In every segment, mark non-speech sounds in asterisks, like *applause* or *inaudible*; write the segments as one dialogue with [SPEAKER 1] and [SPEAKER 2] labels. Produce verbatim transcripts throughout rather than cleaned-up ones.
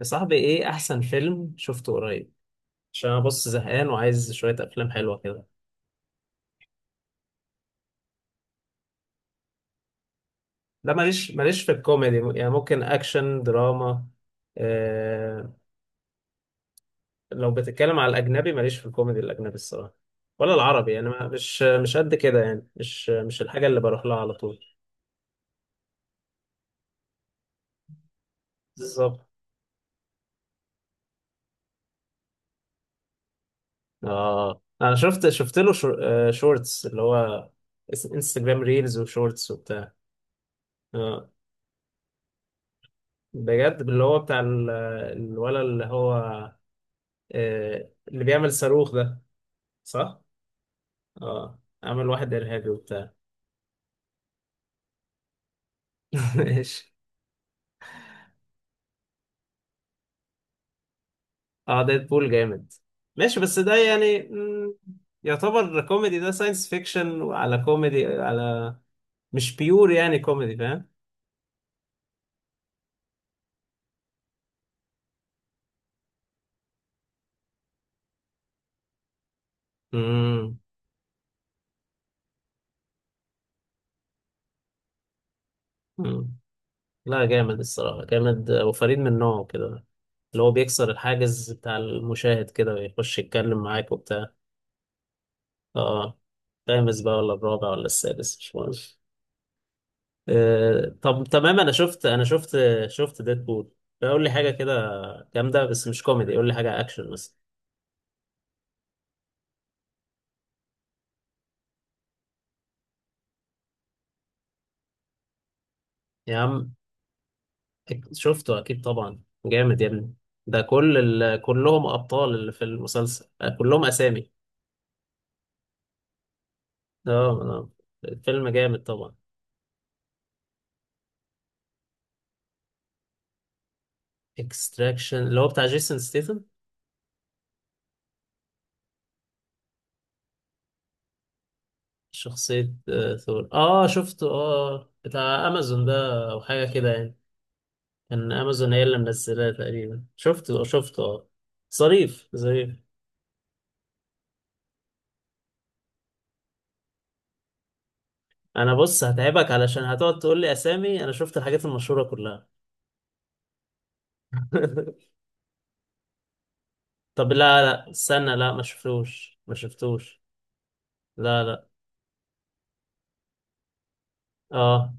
[SPEAKER 1] يا صاحبي، ايه احسن فيلم شفته قريب؟ عشان انا بص زهقان وعايز شويه افلام حلوه كده. لا ماليش ماليش في الكوميدي. م- يعني ممكن اكشن دراما. إيه؟ لو بتتكلم على الاجنبي، ماليش في الكوميدي الاجنبي الصراحه، ولا العربي يعني. ما- مش مش قد كده يعني، مش مش الحاجه اللي بروح لها على طول. بالظبط. اه، انا شفت شفت له شو، آه، شورتس. اللي هو اس- انستجرام ريلز وشورتس وبتاع. اه، بجد، اللي هو بتاع ال- الولد اللي هو، آه، اللي بيعمل صاروخ ده، صح؟ اه، عمل واحد إرهابي وبتاع. *laughs* ماشي. اه، ديدبول جامد. ماشي، بس ده يعني مم، يعتبر كوميدي؟ ده ساينس فيكشن وعلى كوميدي، على، مش بيور يعني كوميدي، فاهم؟ مم، مم. لا جامد الصراحة، جامد وفريد من نوعه كده. اللي هو بيكسر الحاجز بتاع المشاهد كده ويخش يتكلم معاك وبتاع. اه، خامس بقى ولا الرابع ولا السادس، مش مهم. آه، طب تمام، انا شفت، انا شفت شفت ديدبول. قول لي حاجه كده جامده بس مش كوميدي، قول لي حاجه اكشن مثلا. يا عم، أك- شفته اكيد طبعا، جامد يا ابني. ده كل ال... كلهم ابطال اللي في المسلسل، آه، كلهم اسامي. اه. آه. الفيلم جامد طبعا. اكستراكشن اللي هو بتاع جيسون ستيثم. شخصيه، آه، ثور. اه شفته، اه، بتاع امازون ده او حاجه كده يعني. كان امازون هي اللي منزلاه تقريبا. شفته شفته اه. ظريف، ظريف. انا بص هتعبك، علشان هتقعد تقول لي اسامي، انا شفت الحاجات المشهوره كلها. *laughs* طب لا لا، استنى، لا ما شفتوش، ما شفتوش. لا لا. اه.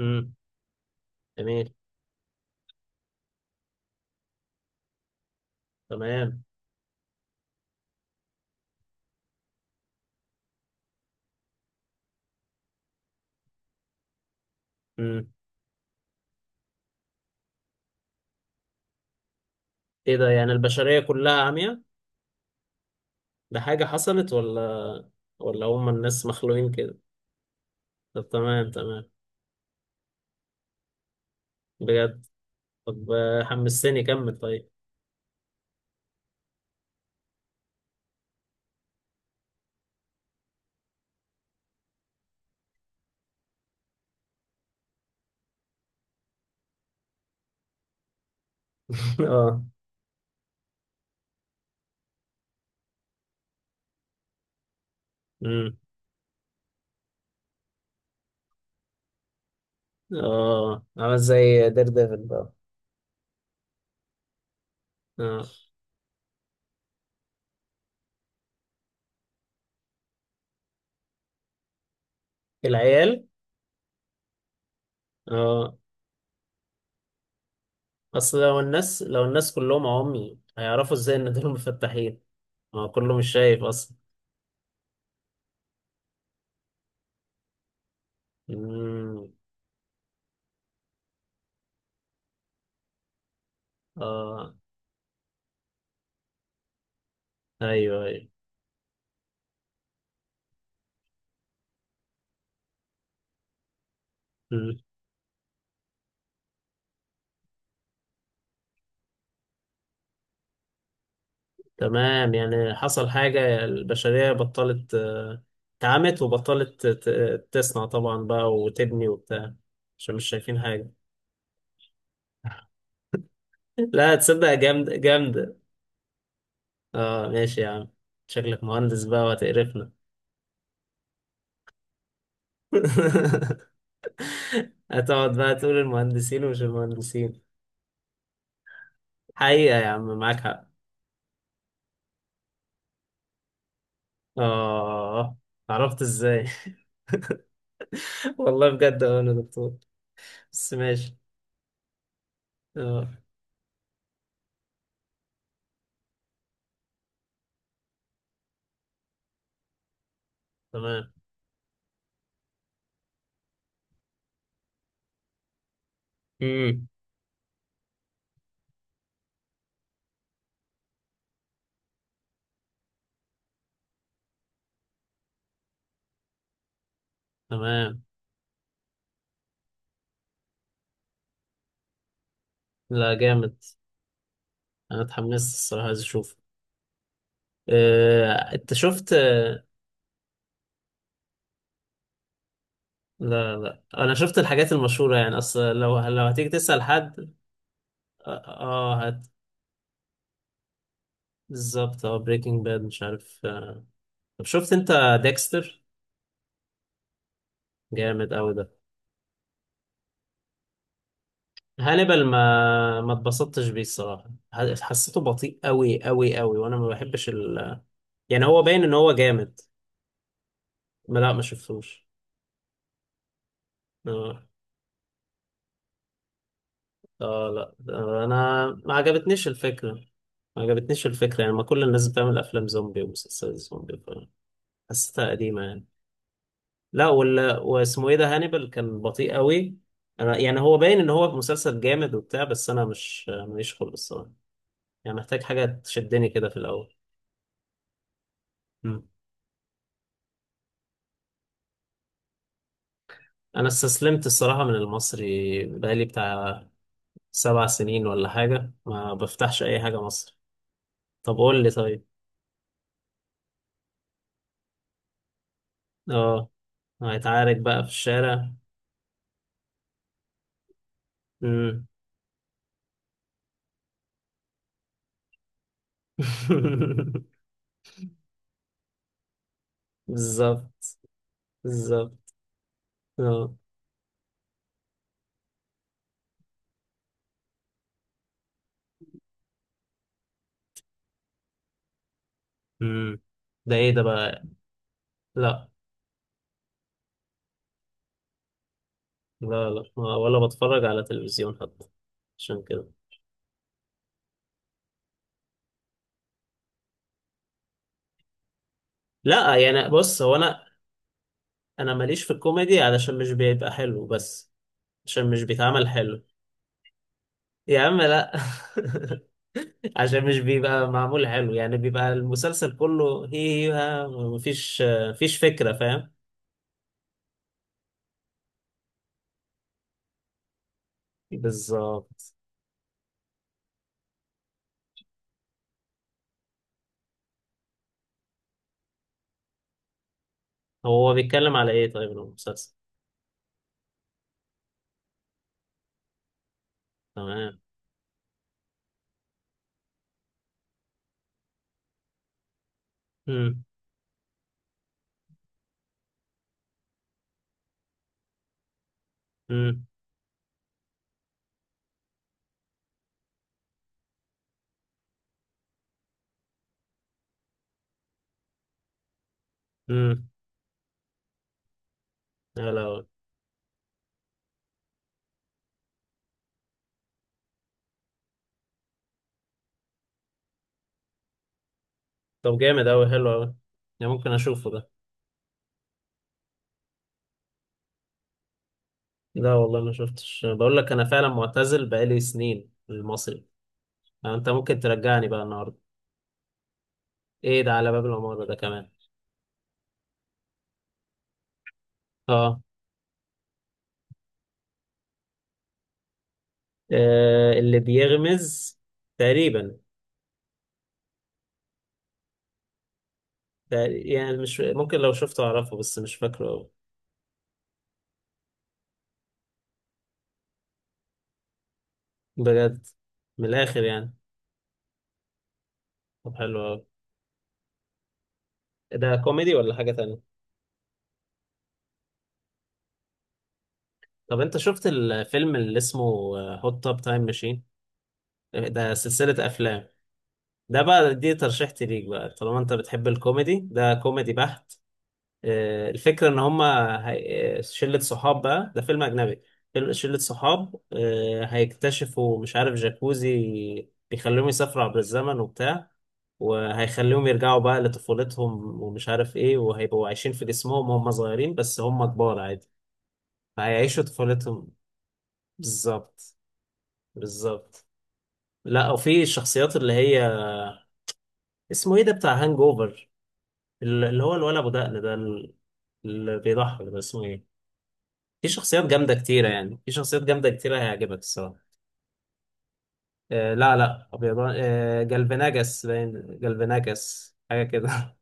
[SPEAKER 1] امم. جميل. تمام. امم. ايه ده، يعني البشريه كلها عمياء؟ ده حاجه حصلت، ولا ولا هم الناس مخلوقين كده؟ طب تمام، تمام. بجد. طب، آه، حمستني، كمل طيب. *laughs* اه. امم. اه، عمل زي دير ديفل بقى. اه. العيال. اه. اصل لو الناس، لو الناس كلهم عمي، هيعرفوا ازاي ان دول *laughs* مفتحين؟ ما هو كله مش شايف اصلا. امم. اه. ايوه، ايوه. مم. تمام، يعني حصل حاجة البشرية بطلت، آه، اتعمت وبطلت ت- ت- تصنع طبعا بقى وتبني وبتاع، عشان مش شايفين حاجة. *laughs* لا تصدق، جامدة، جامدة. اه، ماشي يا عم. شكلك مهندس بقى وهتقرفنا. *laughs* هتقعد بقى تقول المهندسين ومش المهندسين. حقيقة يا عم، معاك حق. آه، عرفت إزاي؟ *laughs* والله بجد أنا دكتور. بس ماشي. آه. تمام. مم. تمام. لا جامد. أنا اتحمست الصراحة، عايز أشوف. آه، أنت شفت؟ لا لا، أنا شفت الحاجات المشهورة يعني. أصل لو، لو هتيجي تسأل حد. آه. آه، هت بالظبط اه، بريكنج باد، مش عارف. آه. طب شفت أنت ديكستر؟ جامد أوي ده. هانيبال ما ما اتبسطتش بيه الصراحة، ح- حسيته بطيء أوي أوي أوي، وأنا ما بحبش. يعني هو باين ان هو جامد. ما- لا، ما شفتوش. اه. آه، لا، آه، انا ما عجبتنيش الفكره. ما عجبتنيش الفكره يعني، ما كل الناس بتعمل افلام زومبي ومسلسلات زومبي. ف- حسيتها قديمه يعني. لا، ولا واسمه ايه ده، هانيبال، كان بطيء قوي. انا يعني هو باين ان هو مسلسل جامد وبتاع، بس انا مش، ماليش خلق الصراحه. يعني محتاج حاجه تشدني كده في الاول. مم. انا استسلمت الصراحه من المصري بقالي بتاع سبع سنين ولا حاجه، ما بفتحش اي حاجه مصري. طب قول لي طيب. اه. هيتعارك بقى في الشارع. مم. *laughs* بالظبط. بالظبط. اه. مم. ده ايه ده بقى؟ لا. لا لا. ما- ولا بتفرج على تلفزيون حتى، عشان كده. لا يعني بص، هو انا انا ماليش في الكوميدي، علشان مش بيبقى حلو بس. عشان مش بيتعمل حلو. يا عم لا. *laughs* عشان مش بيبقى معمول حلو يعني، بيبقى المسلسل كله هي هي ها، مفيش. مفيش فكرة، فاهم؟ بالظبط. هو هو بيتكلم على ايه طيب المسلسل؟ تمام. امم. امم. امم. حلو أوي. طب جامد أوي، حلو أوي. يعني ممكن أشوفه ده. لا والله ما شفتش، بقول لك أنا فعلا معتزل بقالي سنين المصري. آه، أنت ممكن ترجعني بقى النهاردة. إيه ده على باب العمارة ده كمان؟ آه. آه، اللي بيغمز، تقريبا. تق- يعني مش ممكن لو شفته أعرفه، بس مش فاكره أوي. بجد؟ من الآخر يعني. طب حلو أوي. ده كوميدي ولا حاجة تانية؟ طب أنت شفت الفيلم اللي اسمه هوت توب تايم ماشين؟ ده سلسلة أفلام. ده بقى دي ترشيحتي ليك، بقى طالما انت بتحب الكوميدي، ده كوميدي بحت. آه، الفكرة ان هما، هي- آه، شلة صحاب بقى، ده فيلم اجنبي. فيلم- شلة صحاب، آه، هيكتشفوا مش عارف جاكوزي بيخليهم يسافروا عبر الزمن وبتاع، وهيخليهم يرجعوا بقى لطفولتهم ومش عارف ايه، وهيبقوا عايشين في جسمهم وهم صغيرين بس هم كبار عادي. فهيعيشوا طفولتهم. بالظبط. بالظبط. لا، وفي الشخصيات اللي هي، اسمه ايه ده بتاع هانج اوفر، اللي هو الولد ابو دقن ده ال- اللي بيضحك ده، اسمه ايه؟ في شخصيات جامده كتيره يعني، في شخصيات جامده كتيره، هيعجبك الصراحه. آه لا لا، ابيضان. آه، جالفناجاس، باين جالفناجاس حاجه كده.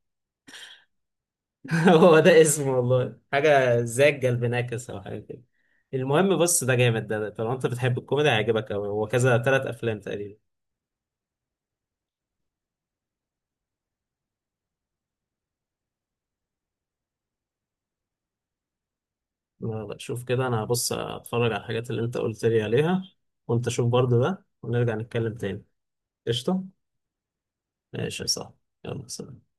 [SPEAKER 1] *laughs* هو ده اسمه والله، حاجه زي جالفناكس او حاجه كده. المهم بص، ده جامد ده، طالما انت بتحب الكوميدي هيعجبك قوي، هو كذا، ثلاث افلام تقريبا. لا لا، شوف كده، انا هبص اتفرج على الحاجات اللي انت قلت لي عليها، وانت شوف برضو ده، ونرجع نتكلم تاني. قشطه. ماشي، صح. يلا، سلام.